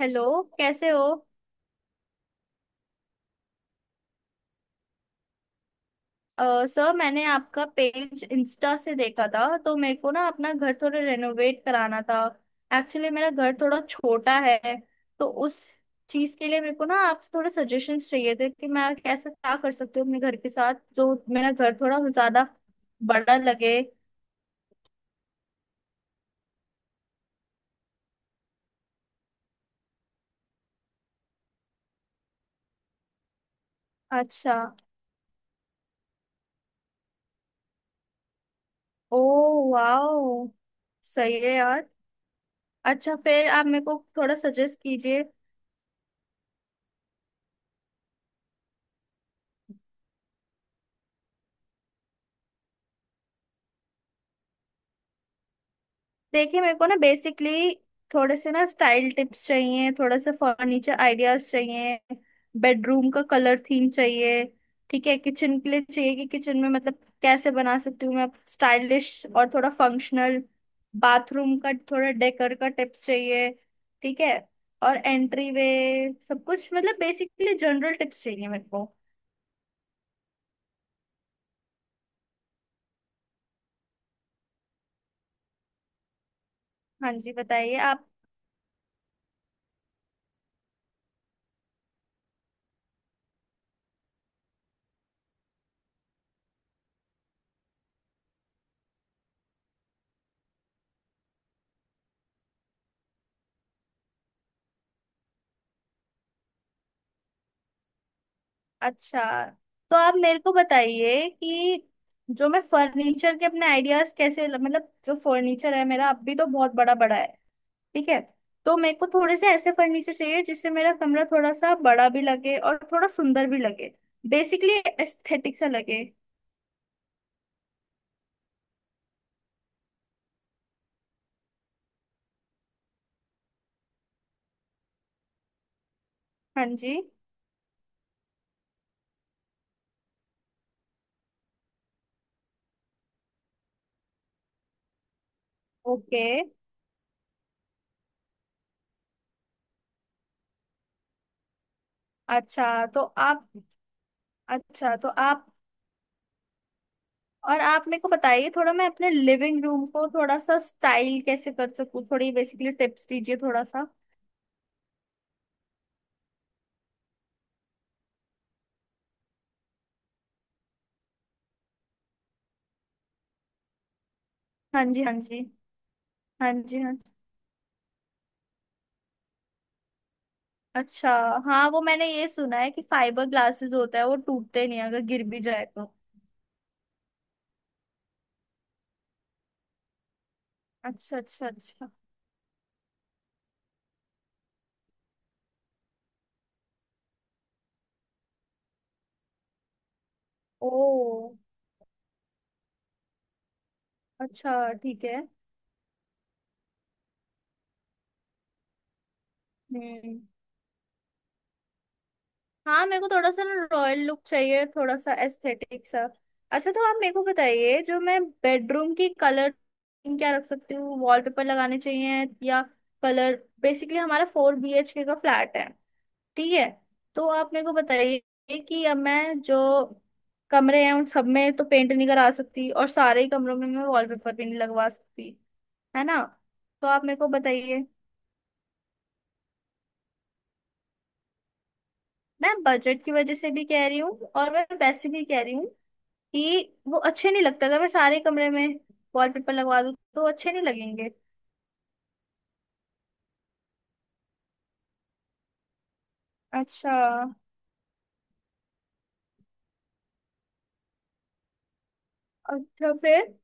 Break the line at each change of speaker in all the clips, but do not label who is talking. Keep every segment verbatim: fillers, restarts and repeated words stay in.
Hello. कैसे हो? अ, सर मैंने आपका पेज इंस्टा से देखा था, तो मेरे को ना अपना घर थोड़ा रेनोवेट कराना था। एक्चुअली मेरा घर थोड़ा छोटा है, तो उस चीज के लिए मेरे को ना आपसे थोड़े सजेशंस चाहिए थे कि मैं कैसे क्या कर सकती हूँ अपने घर के साथ, जो मेरा घर थोड़ा ज्यादा बड़ा लगे। अच्छा। ओ, वाओ, सही है यार। अच्छा, फिर आप मेरे को थोड़ा सजेस्ट कीजिए। देखिए, मेरे को ना बेसिकली थोड़े से ना स्टाइल टिप्स चाहिए, थोड़ा सा फर्नीचर आइडियाज चाहिए, बेडरूम का कलर थीम चाहिए। ठीक है, किचन के लिए चाहिए कि किचन में मतलब कैसे बना सकती हूँ मैं स्टाइलिश और थोड़ा फंक्शनल, बाथरूम का थोड़ा डेकर का टिप्स चाहिए। ठीक है, और एंट्री वे, सब कुछ मतलब बेसिकली जनरल टिप्स चाहिए मेरे को। हाँ जी, बताइए आप। अच्छा, तो आप मेरे को बताइए कि जो मैं फर्नीचर के अपने आइडियाज कैसे, मतलब जो फर्नीचर है मेरा अब भी, तो बहुत बड़ा बड़ा है। ठीक है, तो मेरे को थोड़े से ऐसे फर्नीचर चाहिए जिससे मेरा कमरा थोड़ा सा बड़ा भी लगे और थोड़ा सुंदर भी लगे। बेसिकली एस्थेटिक सा लगे। हाँ जी। ओके। अच्छा तो आप अच्छा तो आप और आप मेरे को बताइए थोड़ा, मैं अपने लिविंग रूम को थोड़ा सा स्टाइल कैसे कर सकूं, थोड़ी बेसिकली टिप्स दीजिए थोड़ा सा। हाँ जी, हाँ जी। हाँ जी, हाँ। अच्छा। हाँ, वो मैंने ये सुना है कि फाइबर ग्लासेस होता है, वो टूटते नहीं अगर गिर भी जाए तो। अच्छा, अच्छा, अच्छा। ओ, अच्छा, ठीक है। हम्म। हाँ, मेरे को थोड़ा सा ना रॉयल लुक चाहिए, थोड़ा सा एस्थेटिक सा। अच्छा, तो आप मेरे को बताइए जो मैं बेडरूम की कलर क्या रख सकती हूँ, वॉलपेपर लगाने चाहिए या कलर? बेसिकली हमारा फोर बीएचके का फ्लैट है। ठीक है, तो आप मेरे को बताइए कि अब मैं जो कमरे हैं उन सब में तो पेंट नहीं करा सकती, और सारे ही कमरों में मैं वॉलपेपर भी नहीं लगवा सकती, है ना? तो आप मेरे को बताइए। मैं बजट की वजह से भी कह रही हूँ, और मैं वैसे भी कह रही हूँ कि वो अच्छे नहीं लगता, अगर मैं सारे कमरे में वॉलपेपर लगवा दूँ तो अच्छे नहीं लगेंगे। अच्छा। अच्छा, फिर?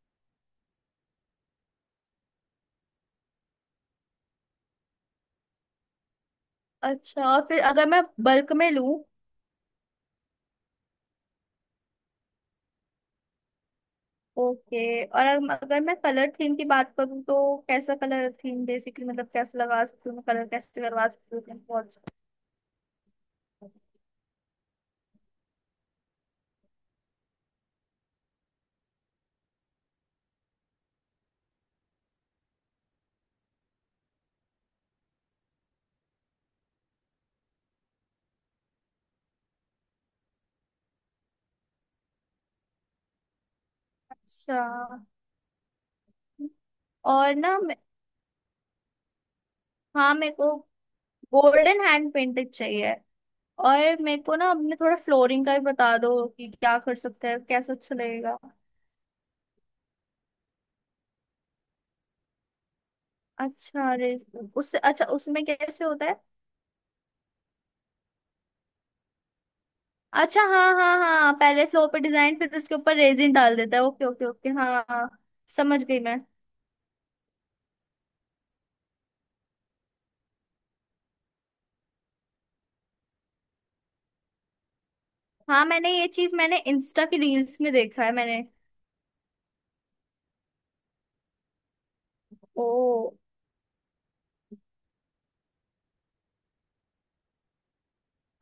अच्छा, और फिर अगर मैं बल्क में लूं? ओके, और अग- अगर मैं कलर थीम की बात करूँ, तो कैसा कलर थीम बेसिकली, मतलब कैसे लगा सकती हूँ कलर, कैसे करवा सकती हूँ अपने pots पे? अच्छा, और ना मे- हाँ, मेरे को गोल्डन हैंड पेंटेड चाहिए। और मेरे को ना अपने थोड़ा फ्लोरिंग का भी बता दो कि क्या कर सकते हैं, कैसा अच्छा लगेगा। अच्छा, अरे, उससे अच्छा उसमें कैसे होता है? अच्छा, हाँ हाँ हाँ, पहले फ्लोर पे डिजाइन, फिर उसके ऊपर रेजिन डाल देता है। ओके ओके ओके, हाँ हाँ। समझ गई मैं। हाँ, मैंने ये चीज मैंने इंस्टा की रील्स में देखा है मैंने। ओ।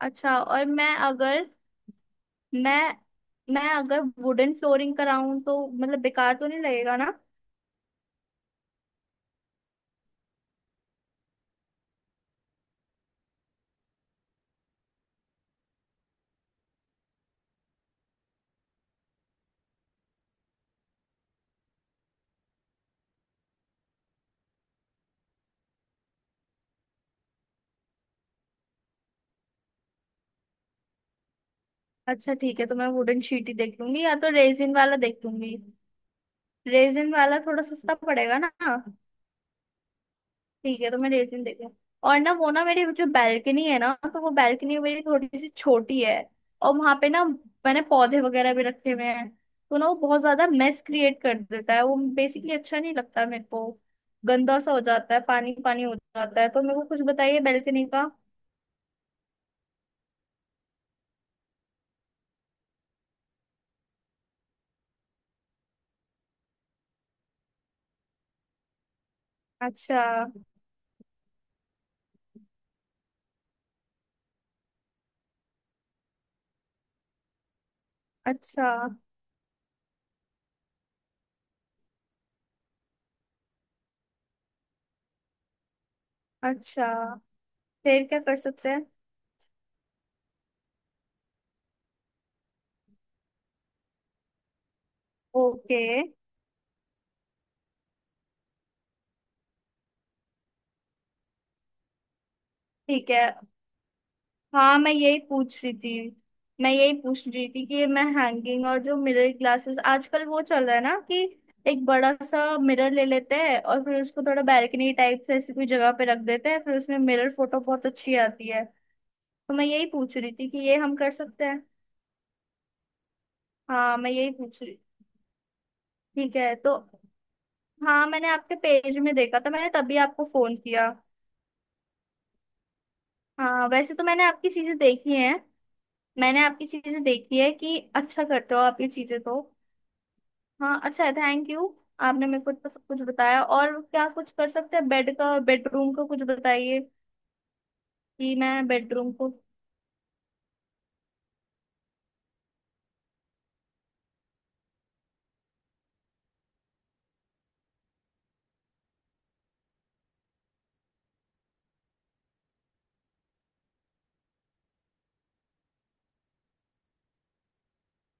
अच्छा, और मैं अगर मैं मैं अगर वुडन फ्लोरिंग कराऊं तो मतलब बेकार तो नहीं लगेगा ना? अच्छा, ठीक है, तो मैं वुडन शीट ही देख लूंगी, या तो रेजिन वाला देख लूंगी। रेजिन वाला थोड़ा सस्ता पड़ेगा ना? ठीक है, तो मैं रेसिन देखती हूँ। और ना वो ना मेरी जो बैल्कनी है ना, तो वो बैल्कनी मेरी थोड़ी सी छोटी है, और वहां पे ना मैंने पौधे वगैरह भी रखे हुए हैं, तो ना वो बहुत ज्यादा मेस क्रिएट कर देता है, वो बेसिकली अच्छा नहीं लगता मेरे को। गंदा सा हो जाता है, पानी पानी हो जाता है, तो मेरे को कुछ बताइए बैल्कनी का। अच्छा, अच्छा, अच्छा, फिर क्या कर सकते हैं? ओके। ठीक है। हाँ, मैं यही पूछ रही थी। मैं यही पूछ रही थी कि मैं हैंगिंग और जो मिरर ग्लासेस आजकल वो चल रहा है ना, कि एक बड़ा सा मिरर ले लेते हैं और फिर उसको थोड़ा बैल्कनी टाइप से ऐसी कोई जगह पे रख देते हैं, फिर उसमें मिरर फोटो बहुत अच्छी आती है। तो मैं यही पूछ रही थी कि ये हम कर सकते हैं? हाँ, मैं यही पूछ रही। ठीक है, तो हाँ, मैंने आपके पेज में देखा था, मैंने तभी आपको फोन किया। हाँ, वैसे तो मैंने आपकी चीजें देखी हैं। मैंने आपकी चीजें देखी है कि अच्छा करते हो आप ये चीजें, तो हाँ, अच्छा है, थैंक यू। आपने मेरे को इतना सब कुछ बताया, और क्या कुछ कर सकते हैं? बेड का, बेडरूम का कुछ बताइए कि मैं बेडरूम को।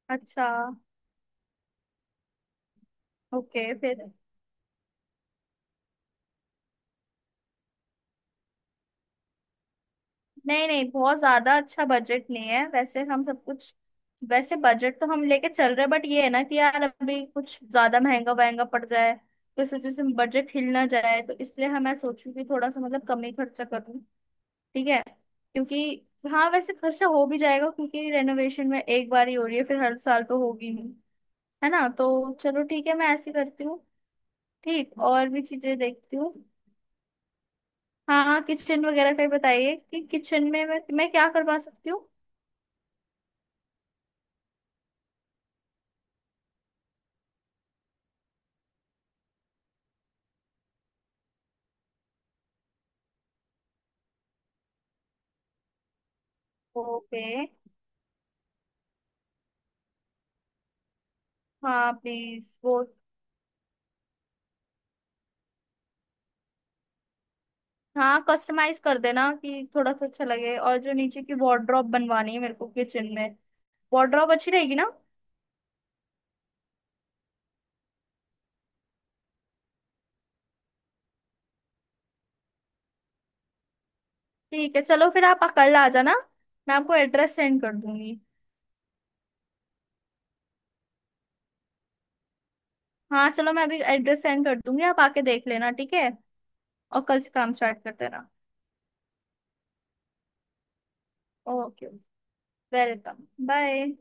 अच्छा। ओके, फिर? नहीं नहीं, बहुत ज्यादा अच्छा बजट नहीं है। वैसे हम सब कुछ, वैसे बजट तो हम लेके चल रहे हैं, बट ये है ना कि यार, अभी कुछ ज्यादा महंगा वहंगा पड़ जाए, तो इस वजह से बजट हिल ना जाए, तो इसलिए हम मैं सोचूं कि थोड़ा सा मतलब कम ही खर्चा करूँ। ठीक है, क्योंकि हाँ, वैसे खर्चा हो भी जाएगा क्योंकि रेनोवेशन में एक बार ही हो रही है, फिर हर साल तो होगी ही, है ना? तो चलो, ठीक है, मैं ऐसे करती हूँ। ठीक, और भी चीजें देखती हूँ। हाँ, किचन वगैरह का ही बताइए कि किचन में मैं, मैं क्या करवा सकती हूँ? ओके। हाँ प्लीज, वो हाँ कस्टमाइज कर देना कि थोड़ा सा अच्छा लगे, और जो नीचे की वार्डरोब बनवानी है मेरे को किचन में, वार्डरोब अच्छी रहेगी ना? ठीक है, चलो, फिर आप कल आ जाना। मैं आपको एड्रेस सेंड कर दूंगी। हाँ, चलो, मैं अभी एड्रेस सेंड कर दूंगी, आप आके देख लेना, ठीक है? और कल से काम स्टार्ट करते रहना। Okay, welcome, bye.